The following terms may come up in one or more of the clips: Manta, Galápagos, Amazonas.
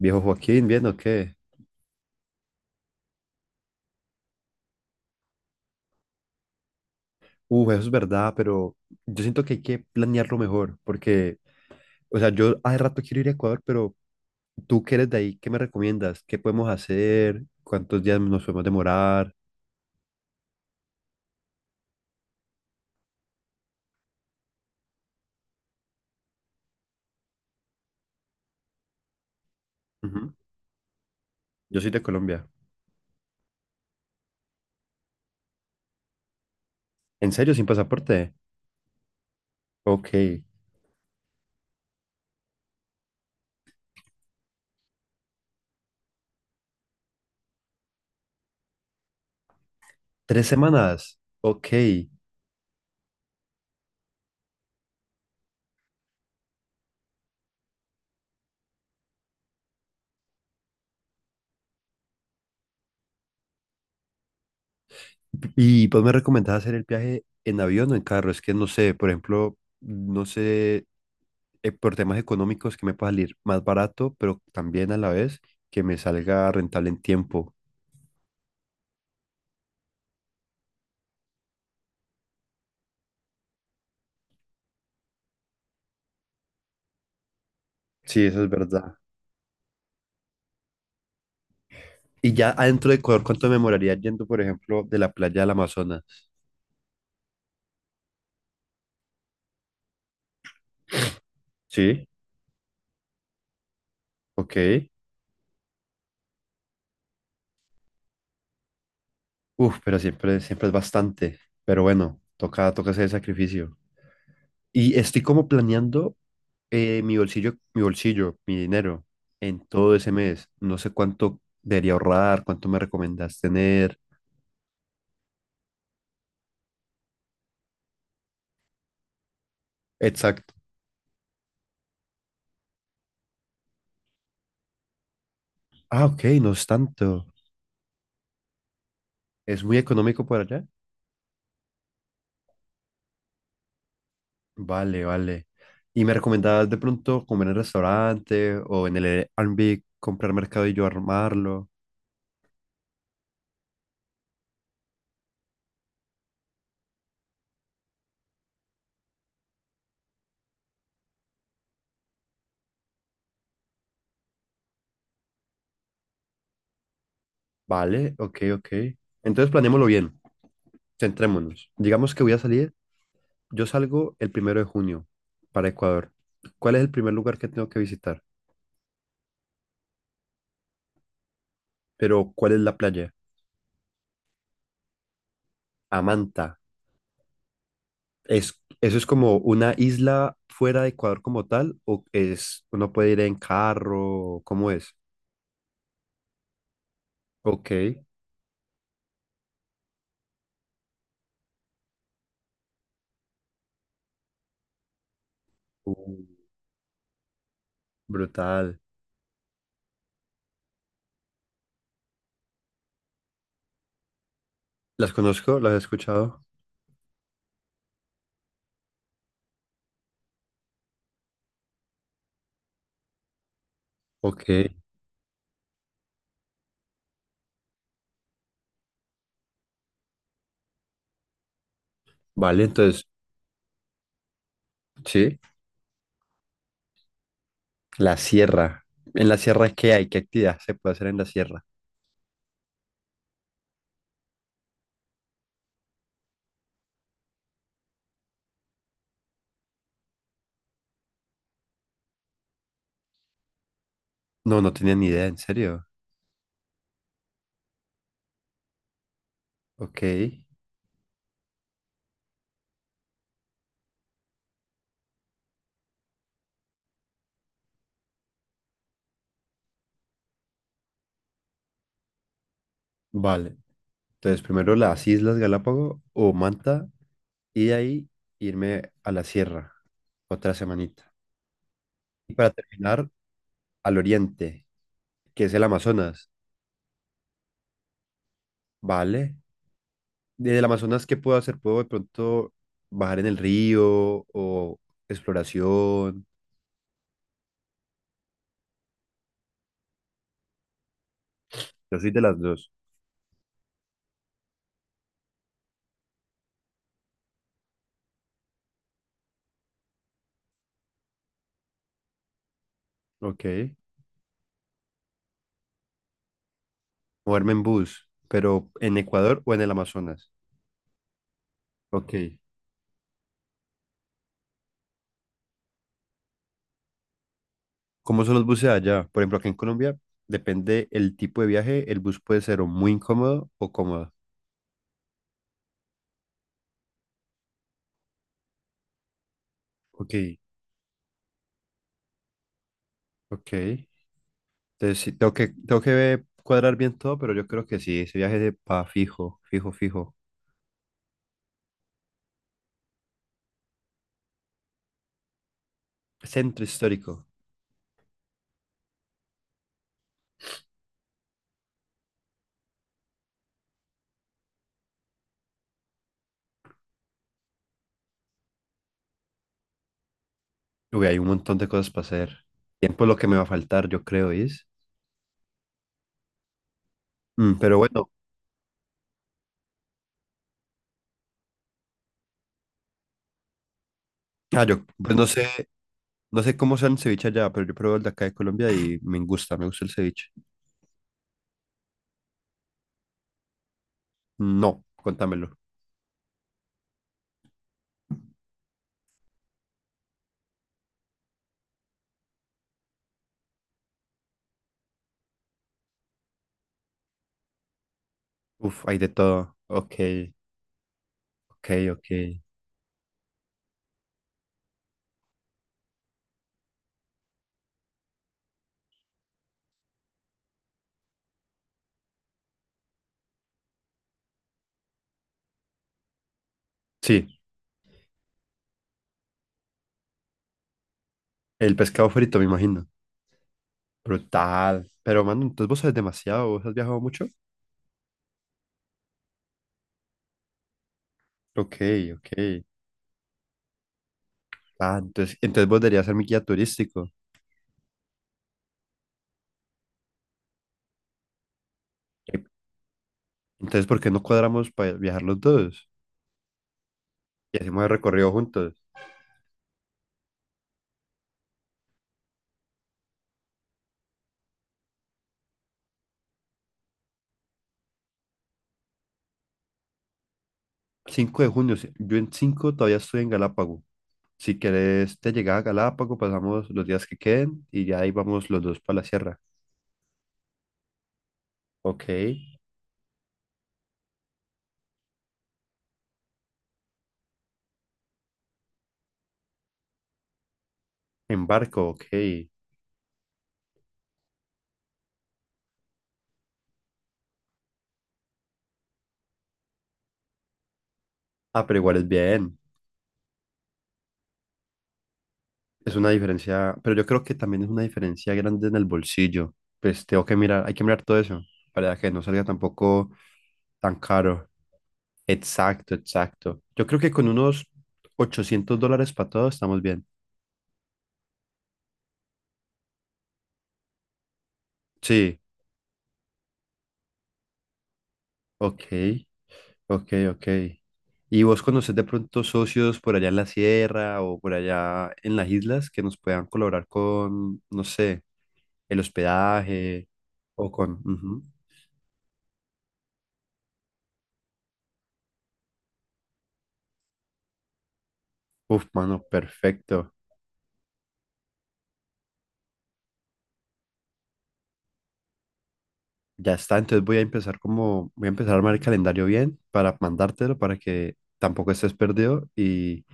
Viejo Joaquín, ¿bien o qué? Eso es verdad, pero yo siento que hay que planearlo mejor, porque, o sea, yo hace rato quiero ir a Ecuador, pero tú que eres de ahí, ¿qué me recomiendas? ¿Qué podemos hacer? ¿Cuántos días nos podemos demorar? Ujú. Yo soy de Colombia. ¿En serio, sin pasaporte? Ok. ¿3 semanas? Ok. Y pues me recomendás hacer el viaje en avión o en carro. Es que no sé, por ejemplo, no sé por temas económicos que me pueda salir más barato, pero también a la vez que me salga rentable en tiempo. Sí, eso es verdad. Y ya adentro de Ecuador, ¿cuánto me demoraría yendo, por ejemplo, de la playa al Amazonas? Sí, ok. Uf, pero siempre, siempre es bastante. Pero bueno, toca, toca hacer el sacrificio. Y estoy como planeando mi bolsillo, mi dinero en todo ese mes. No sé cuánto debería ahorrar, cuánto me recomendás tener. Exacto. Ah, ok, no es tanto. Es muy económico por allá. Vale, vale. ¿Y me recomendabas de pronto comer en el restaurante o en el Airbnb, comprar mercado y yo armarlo? Vale, ok, ok. Entonces planeémoslo bien, centrémonos. Digamos que voy a salir, yo salgo el 1 de junio para Ecuador. ¿Cuál es el primer lugar que tengo que visitar? Pero, ¿cuál es la playa? Amanta. ¿Es, eso es como una isla fuera de Ecuador como tal? ¿O es, uno puede ir en carro? ¿Cómo es? Ok. Uh, Brutal. ¿Las conozco? ¿Las he escuchado? Ok. Vale, entonces, sí. La sierra. ¿En la sierra qué hay? ¿Qué actividad se puede hacer en la sierra? No, no tenía ni idea, en serio. Ok, vale. Entonces, primero las Islas Galápagos o Manta y de ahí irme a la sierra, otra semanita. Y para terminar, al oriente, que es el Amazonas, ¿vale? Desde el Amazonas, ¿qué puedo hacer? ¿Puedo de pronto bajar en el río o exploración? Yo soy de las dos. Ok, moverme en bus, pero en Ecuador o en el Amazonas. Ok. ¿Cómo son los buses allá? Por ejemplo, acá en Colombia, depende el tipo de viaje, el bus puede ser o muy incómodo o cómodo. Ok, ok. Entonces, sí, tengo que cuadrar bien todo, pero yo creo que sí, ese viaje de pa fijo, fijo, fijo. Centro histórico. Uy, hay un montón de cosas para hacer. Tiempo es lo que me va a faltar, yo creo, es. Mm, pero bueno, ah, yo pues no sé, no sé cómo sea el ceviche allá, pero yo pruebo el de acá de Colombia y me gusta el ceviche. No, contámelo. Uf, hay de todo. Ok, ok, ok. Sí, el pescado frito, me imagino. Brutal. Pero, mano, entonces vos sabes demasiado, vos has viajado mucho. Ok, ok. Ah, entonces, entonces vos deberías ser mi guía turístico. Ep. Entonces, ¿por qué no cuadramos para viajar los dos? Y hacemos el recorrido juntos. 5 de junio, sí, yo en 5 todavía estoy en Galápago. Si querés te llegar a Galápago, pasamos los días que queden y ya ahí vamos los dos para la sierra. Ok, en barco, ok. Ah, pero igual es bien. Es una diferencia, pero yo creo que también es una diferencia grande en el bolsillo. Pues tengo que mirar, hay que mirar todo eso para que no salga tampoco tan caro. Exacto, exacto. Yo creo que con unos $800 para todo estamos bien. Sí, ok, ok, ok. ¿Y vos conocés de pronto socios por allá en la sierra o por allá en las islas que nos puedan colaborar con, no sé, el hospedaje o con... ujú. Uf, mano, perfecto. Ya está, entonces voy a empezar como, voy a empezar a armar el calendario bien para mandártelo para que tampoco estés perdido y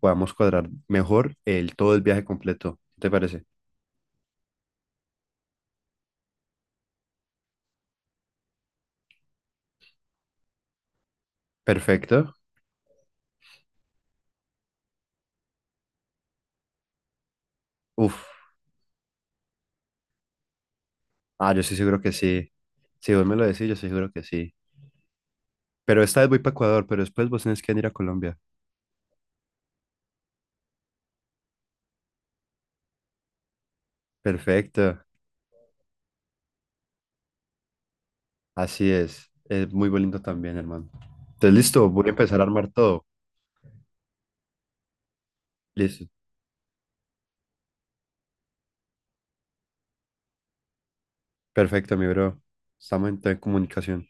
podamos cuadrar mejor el todo el viaje completo. ¿Qué ¿Te parece? Perfecto. Uf. Ah, yo estoy seguro que sí. Si vos me lo decís, yo estoy seguro que sí. Pero esta vez voy para Ecuador, pero después vos tenés que venir a Colombia. Perfecto. Así es. Es muy bonito también, hermano. Entonces, listo, voy a empezar a armar todo. Listo. Perfecto, mi bro. Estamos en comunicación.